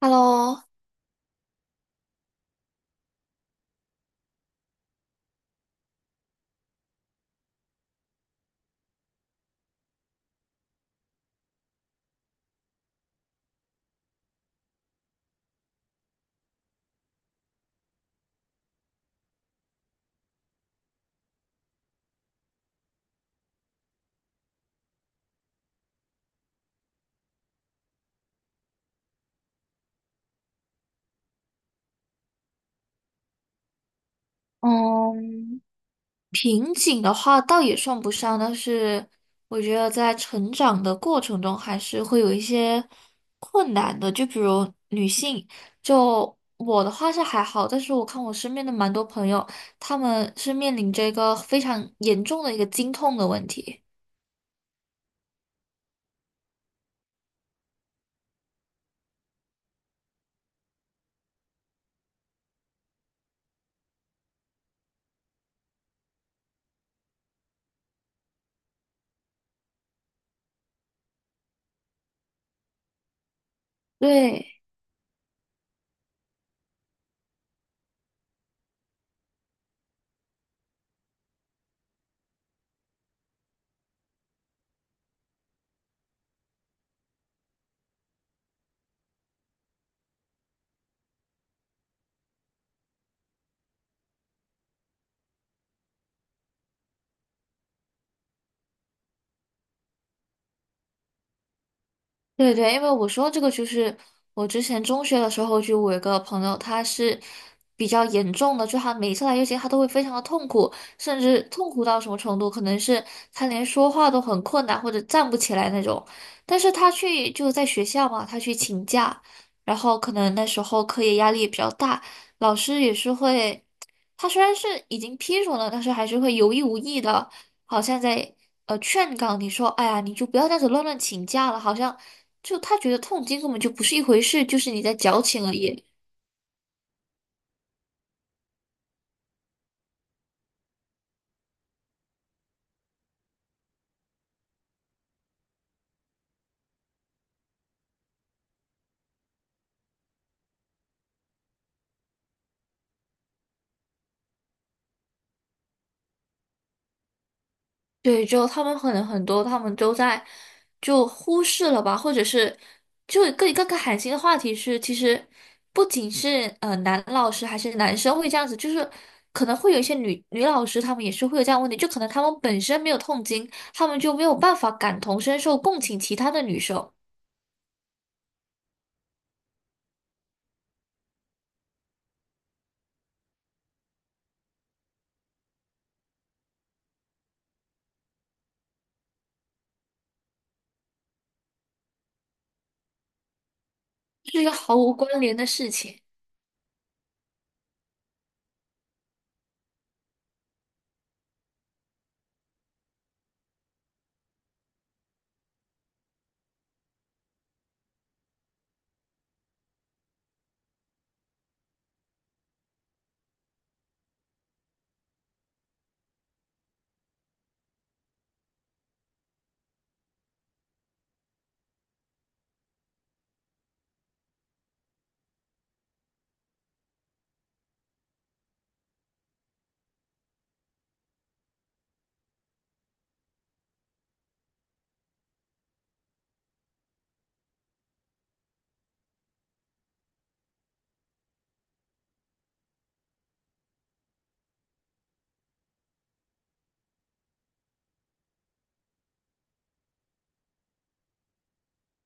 Hello，嗯，瓶颈的话倒也算不上，但是我觉得在成长的过程中还是会有一些困难的。就比如女性，就我的话是还好，但是我看我身边的蛮多朋友，他们是面临着一个非常严重的一个经痛的问题。对。对对，因为我说这个就是我之前中学的时候，就我有一个朋友，他是比较严重的，就他每一次来月经，他都会非常的痛苦，甚至痛苦到什么程度，可能是他连说话都很困难，或者站不起来那种。但是他去就在学校嘛，他去请假，然后可能那时候课业压力也比较大，老师也是会，他虽然是已经批准了，但是还是会有意无意的。好像在劝告你说，哎呀，你就不要这样子乱请假了，好像就他觉得痛经根本就不是一回事，就是你在矫情而已。对，就他们可能很多，他们都在就忽视了吧，或者是就更寒心的话题是，其实不仅是男老师还是男生会这样子，就是可能会有一些女老师，她们也是会有这样的问题，就可能她们本身没有痛经，她们就没有办法感同身受，共情其他的女生，是一个毫无关联的事情。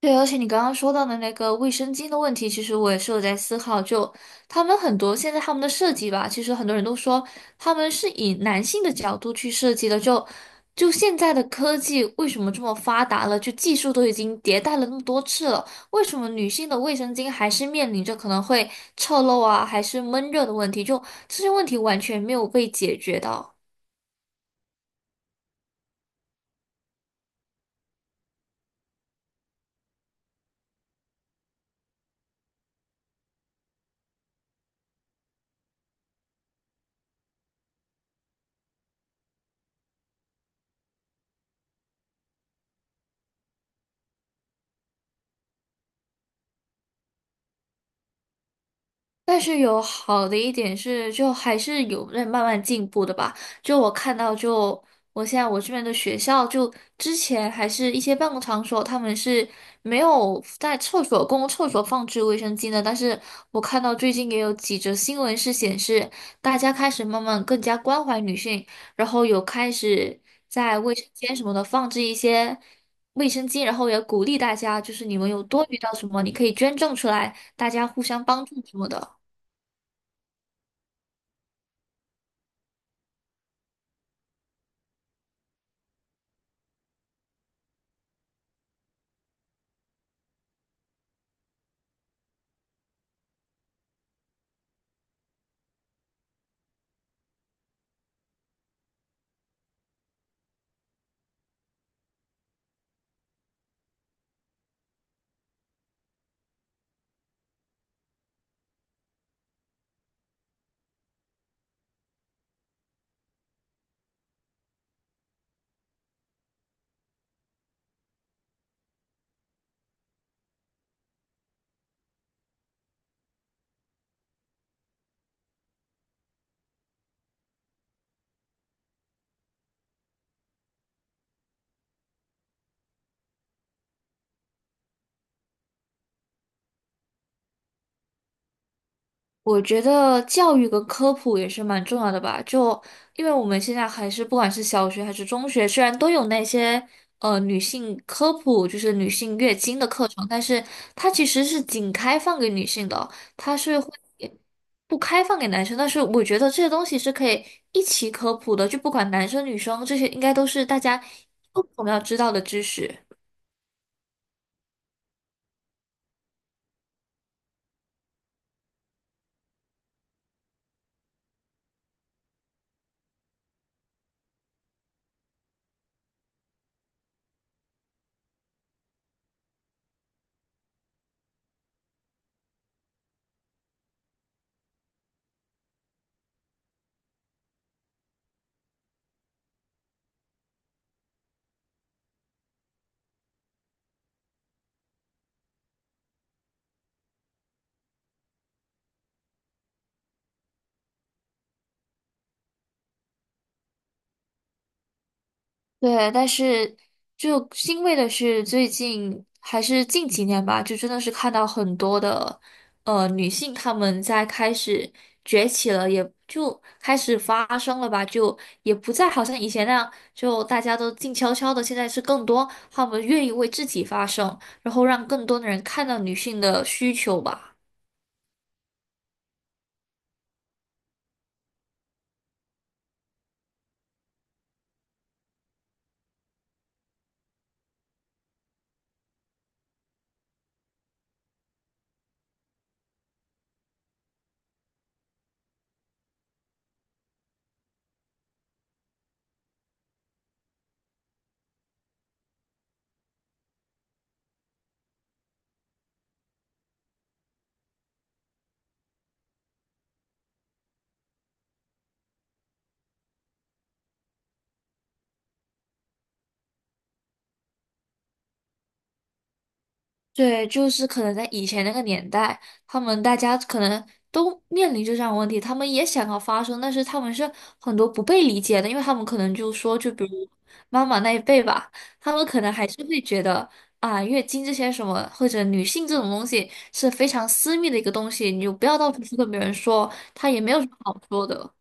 对，而且你刚刚说到的那个卫生巾的问题，其实我也是有在思考。就他们很多现在他们的设计吧，其实很多人都说他们是以男性的角度去设计的。就现在的科技为什么这么发达了？就技术都已经迭代了那么多次了，为什么女性的卫生巾还是面临着可能会侧漏啊，还是闷热的问题？就这些问题完全没有被解决到。但是有好的一点是，就还是有在慢慢进步的吧。就我看到就，我现在我这边的学校，就之前还是一些办公场所，他们是没有在厕所公共厕所放置卫生巾的。但是我看到最近也有几则新闻是显示，大家开始慢慢更加关怀女性，然后有开始在卫生间什么的放置一些卫生巾，然后也鼓励大家，就是你们有多余到什么，你可以捐赠出来，大家互相帮助什么的。我觉得教育跟科普也是蛮重要的吧，就因为我们现在还是不管是小学还是中学，虽然都有那些女性科普，就是女性月经的课程，但是它其实是仅开放给女性的，它是会不开放给男生。但是我觉得这些东西是可以一起科普的，就不管男生女生，这些应该都是大家共同要知道的知识。对，但是就欣慰的是，最近还是近几年吧，就真的是看到很多的女性，她们在开始崛起了，也就开始发声了吧，就也不再好像以前那样，就大家都静悄悄的，现在是更多她们愿意为自己发声，然后让更多的人看到女性的需求吧。对，就是可能在以前那个年代，他们大家可能都面临着这样的问题，他们也想要发声，但是他们是很多不被理解的，因为他们可能就说，就比如妈妈那一辈吧，他们可能还是会觉得啊，月经这些什么或者女性这种东西是非常私密的一个东西，你就不要到处去跟别人说，他也没有什么好说的。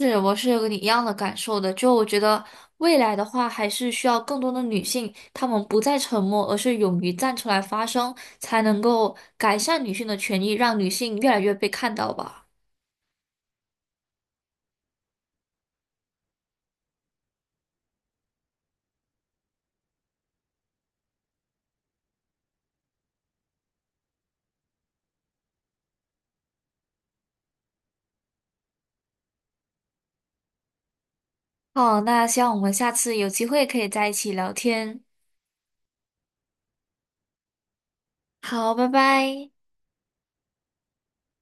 是，我是有跟你一样的感受的。就我觉得未来的话，还是需要更多的女性，她们不再沉默，而是勇于站出来发声，才能够改善女性的权益，让女性越来越被看到吧。好，那希望我们下次有机会可以在一起聊天。好，拜拜。